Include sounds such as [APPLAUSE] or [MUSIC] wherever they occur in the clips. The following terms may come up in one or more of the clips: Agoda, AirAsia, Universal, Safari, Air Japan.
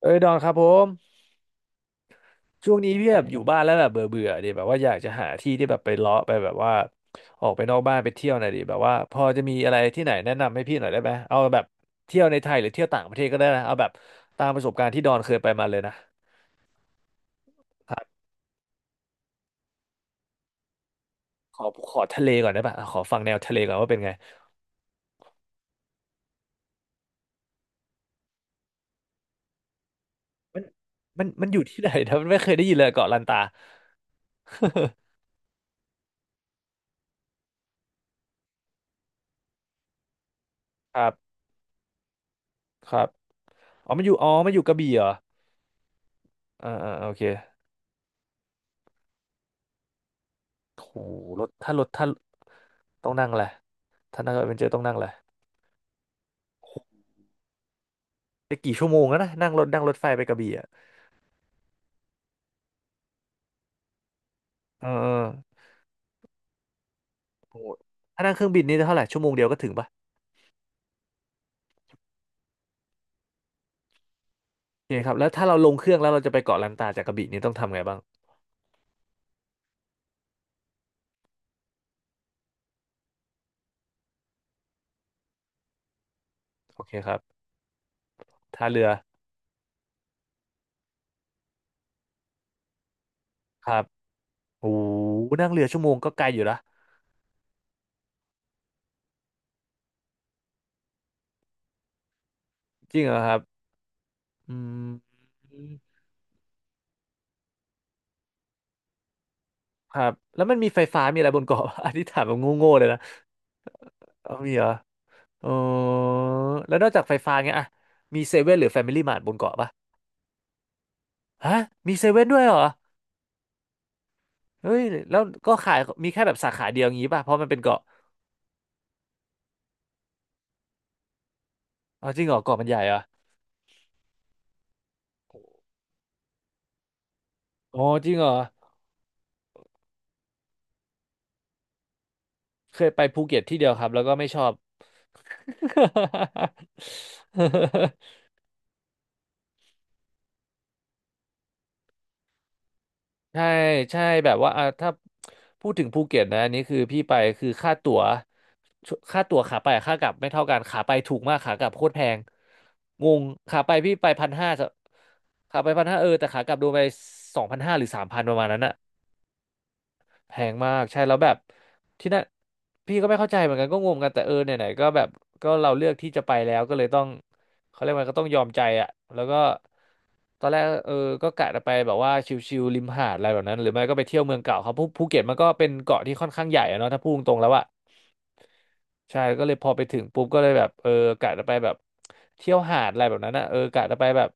เอ้ยดอนครับผมช่วงนี้พี่แบบอยู่บ้านแล้วแบบเบื่อเบื่อดิแบบว่าอยากจะหาที่ที่แบบไปเลาะไปแบบว่าออกไปนอกบ้านไปเที่ยวหน่อยดิแบบว่าพอจะมีอะไรที่ไหนแนะนำให้พี่หน่อยได้ไหมเอาแบบเที่ยวในไทยหรือเที่ยวต่างประเทศก็ได้นะเอาแบบตามประสบการณ์ที่ดอนเคยไปมาเลยนะครับขอขอทะเลก่อนได้ปะขอฟังแนวทะเลก่อนว่าเป็นไงมันมันอยู่ที่ไหนนะมันไม่เคยได้ยินเลยเกาะลันตา [LAUGHS] ครับครับอ๋อมันอยู่อ๋อมันอยู่กระบี่เหรออ่าอ่าโอเคโหรถถ้ารถถ้าต้องนั่งแหละไรถ้านั่งเอเวนเจอร์ต้องนั่งแหละ ไปกี่ชั่วโมงแล้วนะนั่งรถไฟไปกระบี่อ่ะเออเออโหถ้านั่งเครื่องบินนี่เท่าไหร่ชั่วโมงเดียวก็ถึงปะโอเคครับแล้วถ้าเราลงเครื่องแล้วเราจะไปเกาะลันตาจากกระบี่นี่ต้องทำไงบ้างโอเคครับท่าเรือครับโอ้โหนั่งเรือชั่วโมงก็ไกลอยู่นะจริงเหรอครับอืมครับแล้วมันมีไฟฟ้ามีอะไรบนเกาะ [LAUGHS] อันนี้ถามแบบโง่ๆเลยนะเอามีเหรอเออแล้วนอกจากไฟฟ้าเงี้ยอะมีเซเว่นหรือแฟมิลี่มาร์ทบนเกาะปะฮะมีเซเว่นด้วยเหรอ เฮ้ยแล้วก็ขายมีแค่แบบสาขาเดียวงี้ป่ะเพราะมันเป็นเกาะอ๋อจริงเหรอเกาะมันใหญ่เหรออ๋อจริงเหรอเคยไปภูเก็ตที่เดียวครับแล้วก็ไม่ชอบ [LAUGHS] ใช่ใช่แบบว่าอ่ะถ้าพูดถึงภูเก็ตนะอันนี้คือพี่ไปคือค่าตั๋วขาไปกับค่ากลับไม่เท่ากันขาไปถูกมากขากลับโคตรแพงงงขาไปพี่ไปพันห้าขาไปพันห้าเออแต่ขากลับโดนไป2,500หรือ3,000ประมาณนั้นอะ แพงมากใช่แล้วแบบที่นั่นพี่ก็ไม่เข้าใจเหมือนกันก็งงกันแต่เออไหนๆก็แบบก็เราเลือกที่จะไปแล้วก็เลยต้องเขาเรียกว่าก็ต้องยอมใจอ่ะแล้วก็ตอนแรกเออก็กะจะไปแบบว่าชิลๆริมหาดอะไรแบบนั้นหรือไม่ก็ไปเที่ยวเมืองเก่าเขาภูเก็ตมันก็เป็นเกาะที่ค่อนข้างใหญ่อะเนาะถ้าพูดตรงๆแล้วอ่ะใช่ก็เลยพอไปถึงปุ๊บก็เลยแบบเออกะจะไปแบบเที่ยวหาดอะไรแบบนั้นอ่ะเออกะจะไปแบบ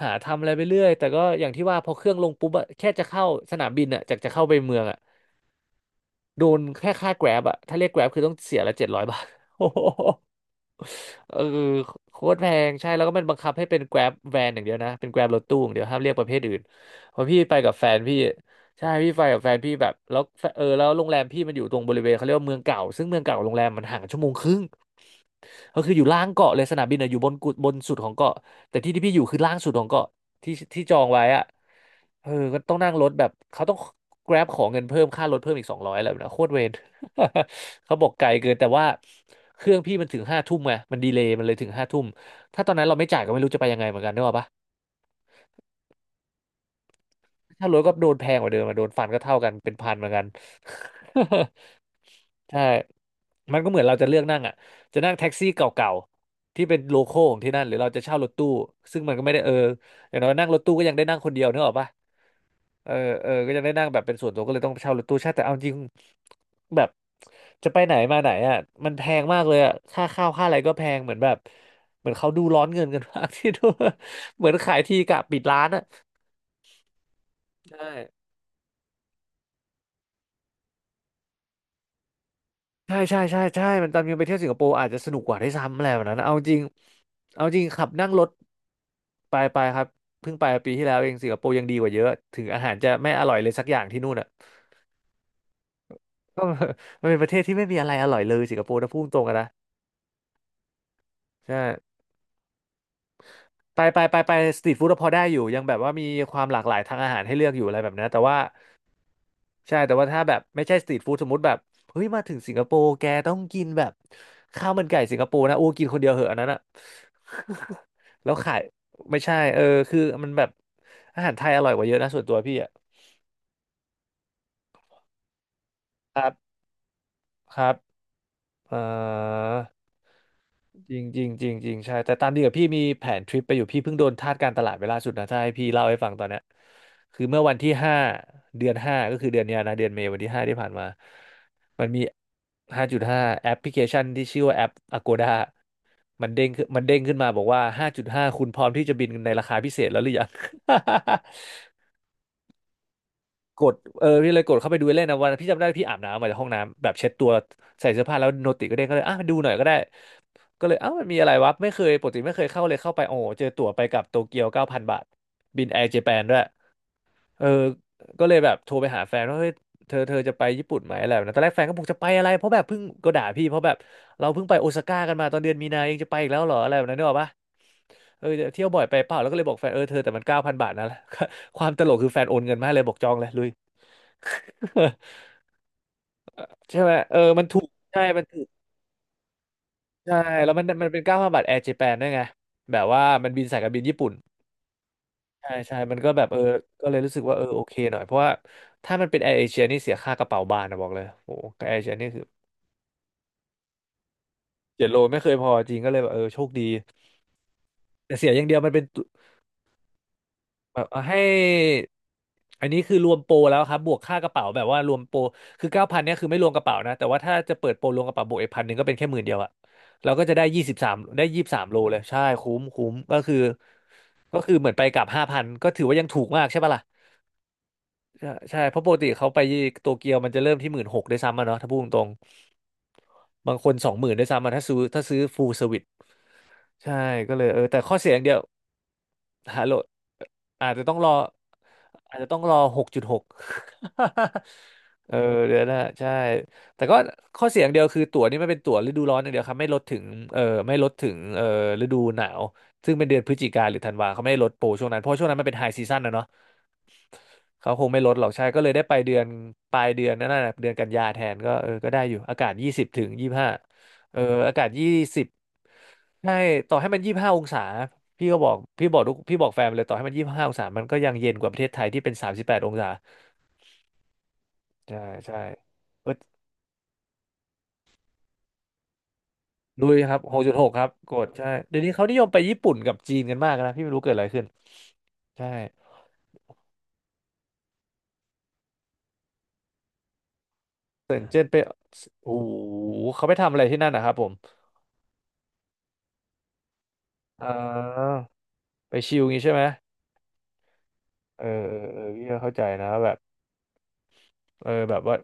หาทำอะไรไปเรื่อยแต่ก็อย่างที่ว่าพอเครื่องลงปุ๊บอะแค่จะเข้าสนามบินอ่ะจากจะเข้าไปเมืองอ่ะ โดนแค่ค่าแกร็บอะถ้าเรียกแกร็บคือต้องเสียละ700 บาท [LAUGHS] โอ้โหเออโคตรแพงใช่แล้วก็มันบังคับให้เป็นแกร็บแวนอย่างเดียวนะเป็นแกร็บรถตู้อย่างเดียวห้ามเรียกประเภทอื่นเพราะพี่ไปกับแฟนพี่ใช่พี่ไปกับแฟนพี่แบบแล้วแฟเออแล้วโรงแรมพี่มันอยู่ตรงบริเวณเขาเรียกว่าเมืองเก่าซึ่งเมืองเก่ากับโรงแรมมันห่างชั่วโมงครึ่งก็คืออยู่ล่างเกาะเลยสนามบินอะอยู่บนกุบนสุดของเกาะแต่ที่ที่พี่อยู่คือล่างสุดของเกาะที่ที่จองไว้อะเออก็ต้องนั่งรถแบบเขาต้อง Grab ขอเงินเพิ่มค่ารถเพิ่มอีก200อะไรแบบนั้โคตรเวร [LAUGHS] เขาบอกไกลเกินแต่ว่าเครื่องพี่มันถึงห้าทุ่มไงมันดีเลย์มันเลยถึงห้าทุ่มถ้าตอนนั้นเราไม่จ่ายก็ไม่รู้จะไปยังไงเหมือนกันนึกออกปะถ้ารถก็โดนแพงกว่าเดิมอะโดนฟันก็เท่ากันเป็นพันเหมือนกัน [LAUGHS] ใช่มันก็เหมือนเราจะเลือกนั่งอ่ะจะนั่งแท็กซี่เก่าๆที่เป็นโลคอลของที่นั่นหรือเราจะเช่ารถตู้ซึ่งมันก็ไม่ได้เอออย่างน้อยนั่งรถตู้ก็ยังได้นั่งคนเดียวนึกออกปะ เออเออก็จะได้นั่งแบบเป็นส่วนตัวก็เลยต้องเช่ารถตู้ใช่าแต่เอาจริงแบบจะไปไหนมาไหนอ่ะมันแพงมากเลยอ่ะค่าข้าวค่าอะไรก็แพงเหมือนแบบเหมือนเขาดูร้อนเงินกันมาก [LAUGHS] ที่ดูเหมือนขายทีกะปิดร้านอ่ะใช่ใช่ใช่ใช่ใช่มันตอนนีไปเที่ยวสิงคโปร์อาจจะสนุกกว่าได้วยซ้ำอะไรแบบนั้นนะเอาจริงเอาจริงขับนั่งรถไปไปครับเพิ่งไปปีที่แล้วเองสิงคโปร์ยังดีกว่าเยอะถึงอาหารจะไม่อร่อยเลยสักอย่างที่นู่นอ่ะก็ [LAUGHS] มันเป็นประเทศที่ไม่มีอะไรอร่อยเลยสิงคโปร์นะพูดตรงกันนะใช่ ไปไปไปไปสตรีทฟู้ดพอได้อยู่ยังแบบว่ามีความหลากหลายทางอาหารให้เลือกอยู่อะไรแบบนั้นแต่ว่าใช่แต่ว่าถ้าแบบไม่ใช่สตรีทฟู้ดสมมติแบบเฮ้ยมาถึงสิงคโปร์แกต้องกินแบบข้าวมันไก่สิงคโปร์นะโอ้กินคนเดียวเหอะอันนั้นอะ [LAUGHS] แล้วขายไม่ใช่เออคือมันแบบอาหารไทยอร่อยกว่าเยอะนะส่วนตัวพี่อะครับครับเอ่อ จริงจริงจริงจริงใช่แต่ตามดีกับพี่มีแผนทริปไปอยู่พี่เพิ่งโดนทาสการตลาดไปล่าสุดนะถ้าให้พี่เล่าให้ฟังตอนเนี้ยคือเมื่อวันที่ห้าเดือน 5ก็คือเดือนเนี้ยนะเดือนเมษวันที่ห้าที่ผ่านมามันมีห้าจุดห้าแอปพลิเคชันที่ชื่อว่าแอป Agoda มันเด้งขึ้นมาบอกว่าห้าจุดห้าคุณพร้อมที่จะบินในราคาพิเศษแล้วหรือยัง [LAUGHS] กดเออพี่เลยกดเข้าไปดูเล่นนะวันพี่จำได้พี่อาบน้ำมาจากห้องน้ำแบบเช็ดตัวใส่เสื้อผ้าแล้วโนติก็เด้งก็เลยอ่ะดูหน่อยก็ได้ ก็เลยเอ้ามันมีอะไรวะไม่เคยปกติไม่เคยเข้าเลยเข้าไปโอ้โหเจอตั๋วไปกับโตเกียวเก้าพันบาทบินแอร์เจแปนด้วยเออก็เลยแบบโทรไปหาแฟนว่าเฮ้ยเธอจะไปญี่ปุ่นไหมอะไรแบบนั้นตอนแรกแฟนก็บอกจะไปอะไรเพราะแบบเพิ่งก็ด่าพี่เพราะแบบเราเพิ่งไปโอซาก้ากันมาตอนเดือนมีนาเองจะไปอีกแล้วเหรออะไรแบบนั้นนึกออกปะเออเที่ยวบ่อยไปเปล่าแล้วก็เลยบอกแฟนเออเธอแต่มันเก้าพันบาทนะ [LAUGHS] ความตลกคือแฟนโอนเงินมาให้เลยบอกจองเลยลุย [LAUGHS] ใช่ไหมเออมันถูกใช่มันถูกใช่แล้วมันเป็นเก้าพันบาทแอร์เจแปนด้วยไงแบบว่ามันบินสายการบินญี่ปุ่น ใช่ใช่มันก็แบบเออก็เลยรู้สึกว่าเออโอเคหน่อยเพราะว่าถ้ามันเป็นแอร์เอเชียนี่เสียค่ากระเป๋าบานนะบอกเลยโอ้แอร์เอเชียนี่คือ7 โลไม่เคยพอจริงก็เลยแบบเออโชคดีแต่เสียอย่างเดียวมันเป็นตุแบบเอาให้อันนี้คือรวมโปรแล้วครับบวกค่ากระเป๋าแบบว่ารวมโปรคือเก้าพันเนี่ยคือไม่รวมกระเป๋านะแต่ว่าถ้าจะเปิดโปรรวมกระเป๋าบวกอีก1,000ก็เป็นแค่10,000อะเราก็จะได้ยี่สิบสามได้23 โลเลยใช่คุ้มคุ้มก็คือเหมือนไปกลับ5,000ก็ถือว่ายังถูกมากใช่ปะล่ะ ใช่ใช่เพราะปกติเขาไปโตเกียวมันจะเริ่มที่16,000ด้วยซ้ำอะเนาะถ้าพูดตรงๆบางคน20,000ด้วยซ้ำอะถ้าซื้อฟูลเซอร์วิสใช่ก็เลยเออแต่ข้อเสียอย่างเดียวฮัลโหลอาจจะต้องรออาจจะต้องรอหกจุดหก [LAUGHS] เออเดี๋ยวนะใช่ แต่ก็ข้อเสียอย่างเดียวคือตั๋วนี่ไม่เป็นตั๋วฤดูร้อนอย่างเดียวครับไม่ลดถึงเออไม่ลดถึงเออฤดูหนาว ซึ่งเป็นเดือนพฤศจิกาหรือธันวาเขาไม่ได้ลดโปรช่วงนั้นเพราะช่วงนั้นมันเป็นไฮซีซั่นนะเนาะ เขาคงไม่ลดหรอกใช่ก็เลยได้ไปเดือนปลายเดือนนั่นน่ะเดือนกันยาแทนก็เออก็ได้อยู่อากาศ20-25เอออากาศยี่สิบใช่ต่อให้มันยี่ห้าองศาพี่ก็บอกพี่บอกทุกพี่บอกแฟนเลยต่อให้มันยี่ห้าองศามันก็ยังเย็นกว่าประเทศไทยที่เป็น38 องศาใช่ใช่เออลุยครับหกจุดหกครับกดใช่เดี๋ยวนี้เขานิยมไปญี่ปุ่นกับจีนกันมากนะพี่ไม่รู้เกิดอะไรขึ้นใช่เซินเจิ้นไปโอ้โหเขาไปทำอะไรที่นั่นนะครับผมอ่าไปชิลงี้ใช่ไหม เออเออเออพี่ก็เข้าใจนะแบบเออแบบว่า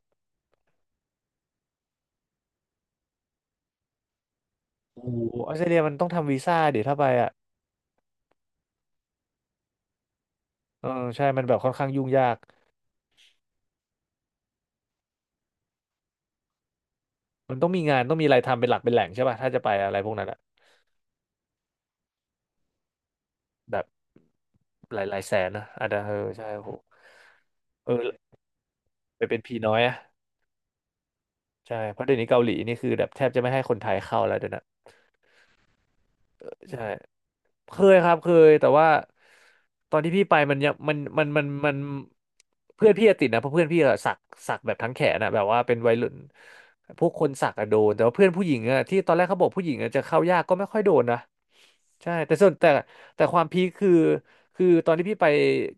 โอ้โหออสเตรเลียมันต้องทำวีซ่าเดี๋ยวถ้าไปอ่ะเออใช่มันแบบค่อนข้างยุ่งยากมันต้องมีงานต้องมีอะไรทำเป็นหลักเป็นแหล่งใช่ป่ะถ้าจะไปอะไรพวกนั้นอะแบบหลายแสนนะอาจจะเออใช่โอ้โหเออไปเป็นพีน้อยอะใช่เพราะเดี๋ยวนี้เกาหลีนี่คือแบบแทบจะไม่ให้คนไทยเข้าแล้วเดี๋ยวนะใช่ เคยครับเคยแต่ว่าตอนที่พี่ไปมันยังมันมันมันมันเพื่อนพี่อะติดนะเพราะเพื่อนพี่อะสักแบบทั้งแขนอะแบบว่าเป็นวัยรุ่นพวกคนสักอะโดนแต่ว่าเพื่อนผู้หญิงอะที่ตอนแรกเขาบอกผู้หญิงอะจะเข้ายากก็ไม่ค่อยโดนนะใช่แต่ส่วนแต่แต่ความพีคคือตอนที่พี่ไป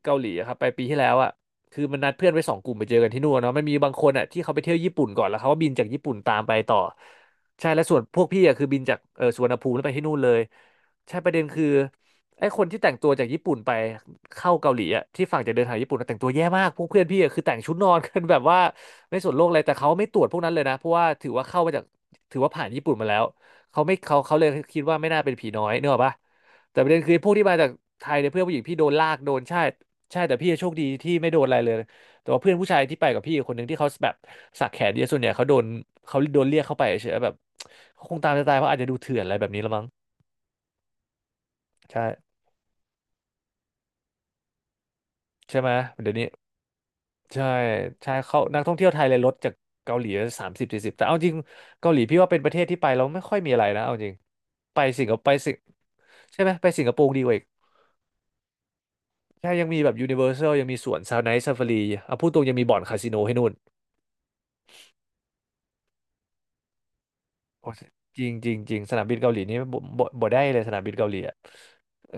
เกาหลีอะครับไปปีที่แล้วอะคือมันนัดเพื่อนไว้สองกลุ่มไปเจอกันที่นู่นเนาะมันมีบางคนอะที่เขาไปเที่ยวญี่ปุ่นก่อนแล้วเขาก็บินจากญี่ปุ่นตามไปต่อใช่และส่วนพวกพี่อะคือบินจากสุวรรณภูมิแล้วไปที่นู่นเลย ใช่ประเด็นคือไอ้คนที่แต่งตัวจากญี่ปุ่นไปเข้าเกาหลีอ่ะที่ฝั่งจะเดินทางญี่ปุ่นนะแต่งตัวแย่มากพวกเพื่อนพี่อะคือแต่งชุดนอนกันแบบว่าไม่สนโลกอะไรแต่เขาไม่ตรวจพวกนั้นเลยนะเพราะว่าถือว่าเข้ามาจากถือว่าผ่านญี่ปุ่นมาแล้วเขาเลยคิดว่าไม่น่าเป็นผีน้อยเนกอะปะแต่ประเด็นคือพวกที่มาจากไทยเนี่ยเพื่อนผู้หญิงพี่โดนลากโดนใช่ใช่แต่พี่โชคดีที่ไม่โดนอะไรเลยแต่ว่าเพื่อนผู้ชายที่ไปกับพี่คนหนึ่งที่เขาแบบสักแขนเยอะส่วนใหญ่เขาโดนเขาโดนเรียกเข้าไปเฉยๆแบบเขาคงตามจะตายเพราะอาจจะดูเถื่อนอะไรแบบนี้ละมั้งใช่ ใช่ไหมเดี๋ยวนี้ใช่ใช่เขานักท่องเที่ยวไทยเลยลดจากเกาหลี30-40แต่เอาจริงเกาหลีพี่ว่าเป็นประเทศที่ไปแล้วไม่ค่อยมีอะไรนะเอาจริงไปสิงคโปร์ไปสิงใช่ไหมไปสิงคโปร์ดีกว่าอีกใช่ยังมีแบบยูนิเวอร์แซลยังมีสวนซาวไนท์ซาฟารีเอาพูดตรงยังมีบ่อนคาสิโนให้นู่นโอ้จริงจริงจริงสนามบินเกาหลีนี่บ่ได้เลยสนามบินเกาหลีอ่ะ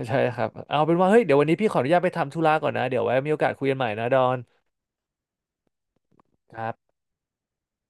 ใช่ครับเอาเป็นว่าเฮ้ยเดี๋ยววันนี้พี่ขออนุญาตไปทำธุระก่อนนะเดี๋ยวไว้มีโอกาสคุยกันใหม่นะดอนครับ